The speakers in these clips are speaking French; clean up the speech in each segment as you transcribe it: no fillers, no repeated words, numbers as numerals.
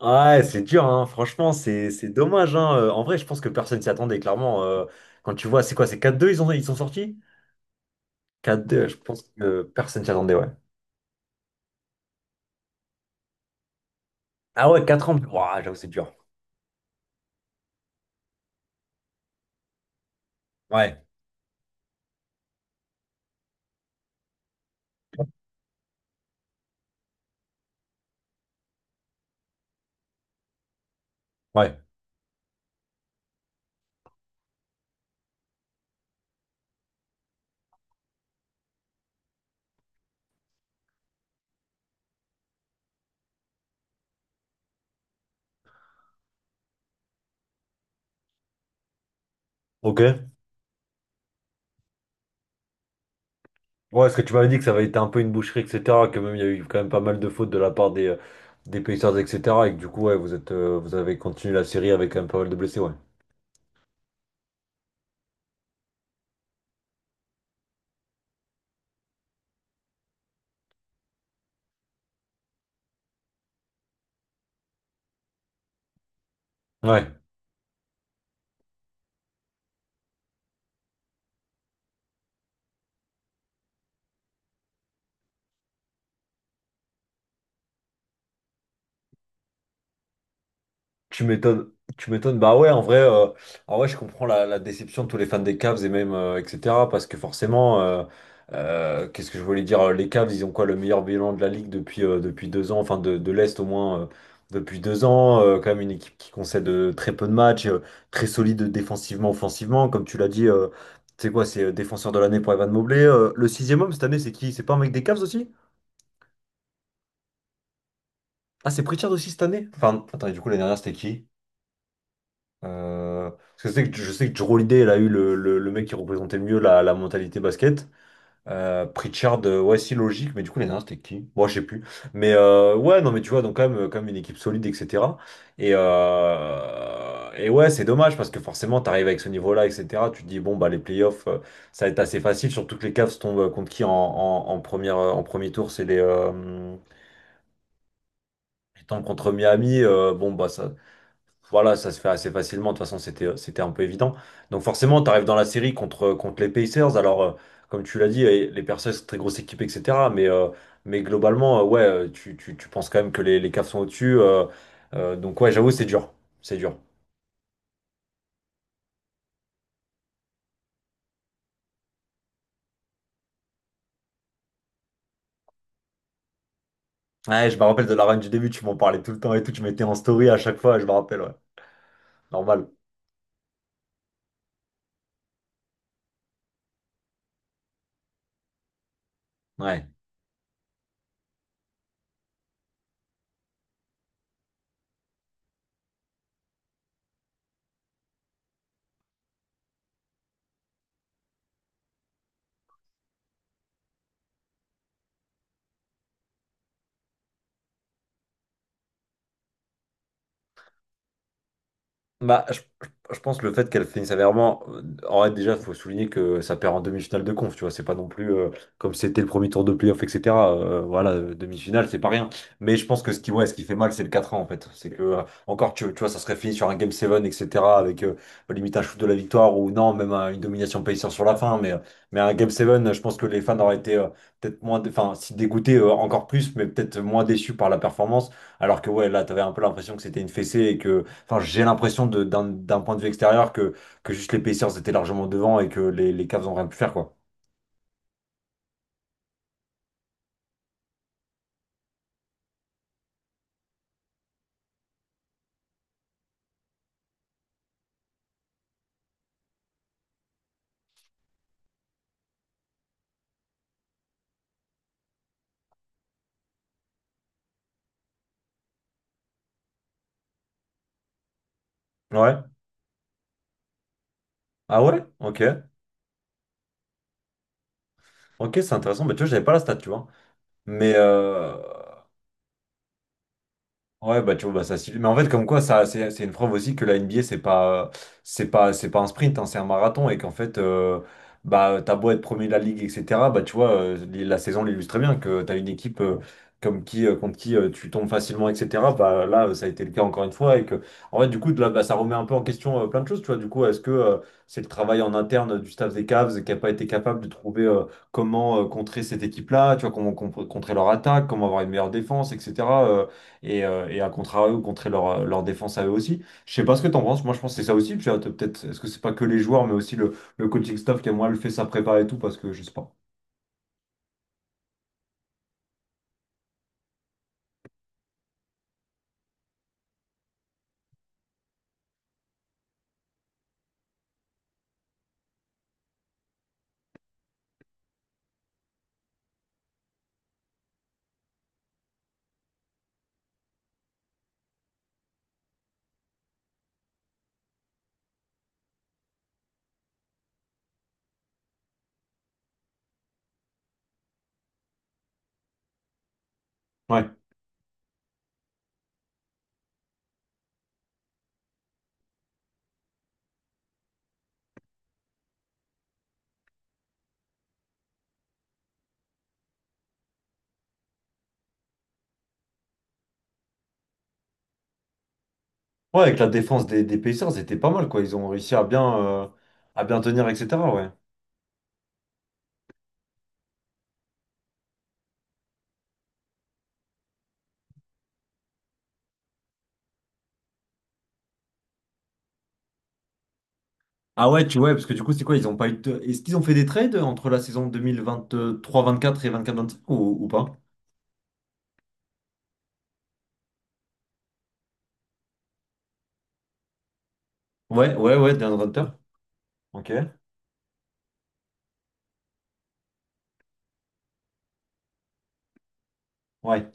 Ouais, c'est dur, hein. Franchement, c'est dommage, hein. En vrai, je pense que personne s'y attendait, clairement. Quand tu vois, c'est quoi, c'est 4-2. Ils sont sortis? 4-2. Je pense que personne s'y attendait, ouais. Ah ouais, 4 ans, ouah, j'avoue, c'est dur. Ouais, ouais, ok. Ouais, est-ce que tu m'avais dit que ça avait été un peu une boucherie, etc., que même il y a eu quand même pas mal de fautes de la part des Pacers, etc., et que du coup, ouais, vous avez continué la série avec quand même pas mal de blessés, ouais. Ouais. Tu m'étonnes, tu m'étonnes. Bah ouais, en vrai, je comprends la déception de tous les fans des Cavs et même etc. Parce que forcément, qu'est-ce que je voulais dire? Les Cavs, ils ont quoi le meilleur bilan de la ligue depuis deux ans, enfin de l'Est au moins depuis deux ans. Quand même une équipe qui concède très peu de matchs, très solide défensivement, offensivement, comme tu l'as dit. C'est quoi? C'est défenseur de l'année pour Evan Mobley. Le sixième homme cette année, c'est qui? C'est pas un mec des Cavs aussi? Ah, c'est Pritchard aussi cette année? Enfin, attends, et du coup, l'année dernière, c'était qui? Parce que je sais que Jrue Holiday, elle a eu le mec qui représentait mieux la mentalité basket. Pritchard, ouais, si logique, mais du coup, les nains, c'était qui? Moi, je sais plus. Mais ouais, non, mais tu vois, donc quand même une équipe solide, etc. Et ouais, c'est dommage parce que forcément, t'arrives avec ce niveau-là, etc. Tu te dis, bon, bah, les playoffs, ça va être assez facile, surtout que les Cavs tombent contre qui en premier tour, c'est les. Ils tombent contre Miami, bon bah ça, voilà, ça se fait assez facilement. De toute façon, c'était un peu évident. Donc forcément, tu arrives dans la série contre les Pacers. Alors, comme tu l'as dit, eh, les Pacers, c'est une très grosse équipe, etc. Mais globalement, ouais, tu penses quand même que les Cavs sont au-dessus. Donc ouais, j'avoue, c'est dur. C'est dur. Ouais, je me rappelle de la run du début, tu m'en parlais tout le temps et tout. Tu mettais en story à chaque fois, je me rappelle, ouais. Normal. Ouais. Bah, je- je pense que le fait qu'elle finisse sévèrement, en vrai, déjà, il faut souligner que ça perd en demi-finale de conf, tu vois, c'est pas non plus comme c'était le premier tour de playoff, etc. Voilà, demi-finale, c'est pas rien. Mais je pense que ce qui fait mal, c'est le 4 ans, en fait. C'est que, encore, tu vois, ça serait fini sur un Game 7, etc., avec limite un shoot de la victoire, ou non, même une domination Pacers sur la fin, mais un Game 7, je pense que les fans auraient été peut-être moins, enfin, si dégoûtés encore plus, mais peut-être moins déçus par la performance, alors que, ouais, là, t'avais un peu l'impression que c'était une fessée et que. Enfin, j'ai l'impression d'un point de vue extérieur que juste les Pacers étaient largement devant et que les Cavs n'ont rien pu faire, quoi. Ouais. Ah ouais? Ok. Ok, c'est intéressant. Mais tu vois, j'avais pas la stat, tu vois. Mais, euh, Ouais, bah tu vois, bah, ça suffit. Mais en fait, comme quoi, ça, c'est une preuve aussi que la NBA, c'est pas un sprint, hein, c'est un marathon. Et qu'en fait, bah, t'as beau être premier de la ligue, etc. Bah, tu vois, la saison l'illustre très bien que t'as une équipe contre qui tu tombes facilement, etc. Bah, là, ça a été le cas encore une fois. Et que, en fait, du coup, de là, bah, ça remet un peu en question plein de choses. Tu vois, du coup, est-ce que c'est le travail en interne du staff des Cavs qui a pas été capable de trouver comment contrer cette équipe-là, tu vois, comment contrer leur attaque, comment avoir une meilleure défense, etc. Et à contrario, contrer leur défense à eux aussi. Je sais pas ce que t'en penses, moi je pense que c'est ça aussi, puis peut-être, est-ce que c'est pas que les joueurs, mais aussi le coaching staff qui a moins le fait sa prépa et tout, parce que je sais pas. Ouais. Ouais, avec la défense des Pacers, c'était pas mal, quoi. Ils ont réussi à bien tenir, etc. Ouais. Ah ouais, tu vois, parce que du coup, c'est quoi? Ils ont pas eu de... Est-ce qu'ils ont fait des trades entre la saison 2023-24 et 24-25 ou pas? Ouais, ouais, ouais, DeAndre Hunter. Ok. Ouais,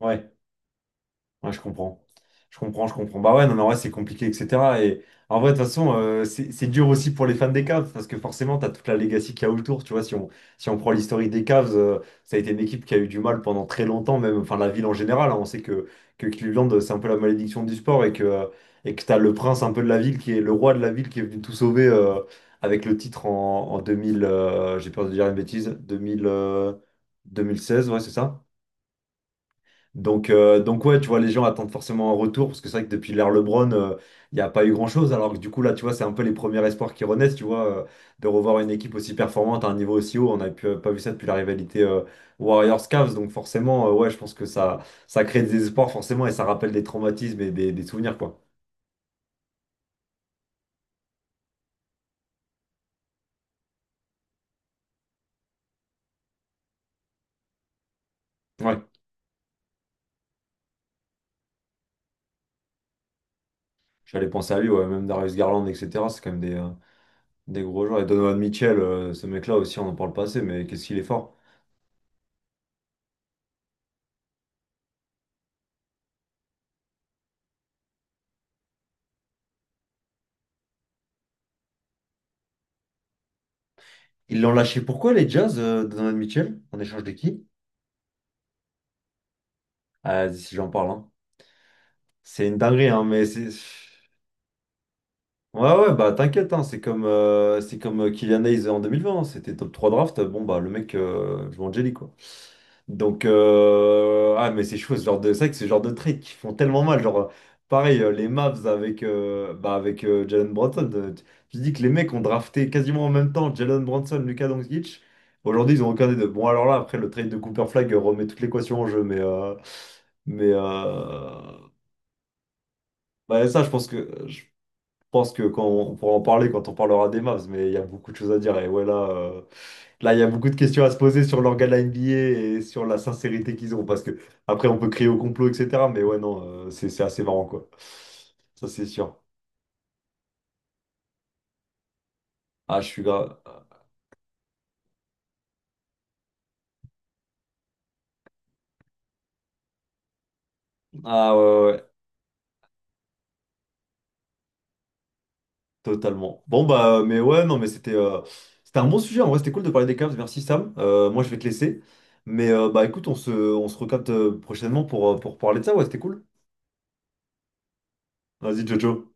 ouais. Ouais, je comprends. Je comprends, je comprends. Bah ouais, non, mais en vrai, c'est compliqué, etc. Et en vrai, de toute façon, c'est dur aussi pour les fans des Cavs, parce que forcément, t'as toute la legacy qu'il y a autour. Tu vois, si on prend l'historique des Cavs, ça a été une équipe qui a eu du mal pendant très longtemps, même, enfin, la ville en général, hein. On sait que Cleveland, c'est un peu la malédiction du sport et que t'as le prince un peu de la ville, qui est le roi de la ville, qui est venu tout sauver avec le titre en 2000, j'ai peur de dire une bêtise, 2000, 2016, ouais, c'est ça? Donc ouais, tu vois, les gens attendent forcément un retour, parce que c'est vrai que depuis l'ère LeBron, il n'y a pas eu grand-chose, alors que du coup, là, tu vois, c'est un peu les premiers espoirs qui renaissent, tu vois, de revoir une équipe aussi performante à un niveau aussi haut. On n'a pas vu ça depuis la rivalité Warriors-Cavs, donc forcément, ouais, je pense que ça crée des espoirs, forcément, et ça rappelle des traumatismes et des souvenirs, quoi. Ouais, j'allais penser à lui, ouais, même Darius Garland, etc., c'est quand même des gros joueurs. Et Donovan Mitchell, ce mec-là aussi, on en parle pas assez, mais qu'est-ce qu'il est fort. Ils l'ont lâché pourquoi, les Jazz, Donovan Mitchell, en échange de qui? Ah, si j'en parle, hein. C'est une dinguerie, hein, mais c'est. Ouais, ouais, bah t'inquiète, hein, c'est comme Kylian Hayes en 2020, hein, c'était top 3 draft, bon bah le mec joue en jelly, quoi. Donc, ah, mais c'est chaud, ce genre de. C'est vrai que ce genre de trades qui font tellement mal, genre, pareil, les Mavs avec Jalen Brunson, tu dis que les mecs ont drafté quasiment en même temps Jalen Brunson, Luka Doncic, aujourd'hui ils ont aucun des deux. Bon, alors là, après le trade de Cooper Flag remet toute l'équation en jeu, mais, euh, Bah, ça, je pense que quand on pourra en parler quand on parlera des Mavs, mais il y a beaucoup de choses à dire. Et ouais, là, il y a beaucoup de questions à se poser sur l'organe de la NBA et sur la sincérité qu'ils ont. Parce que après, on peut crier au complot, etc. Mais ouais, non, c'est assez marrant, quoi. Ça, c'est sûr. Ah, je suis grave. Ah ouais, ouais, ouais, totalement. Bon bah, mais ouais, non, mais c'était un bon sujet. En vrai, c'était cool de parler des Cavs. Merci Sam. Moi, je vais te laisser. Mais bah, écoute, on se recapte prochainement pour parler de ça. Ouais, c'était cool. Vas-y, Jojo.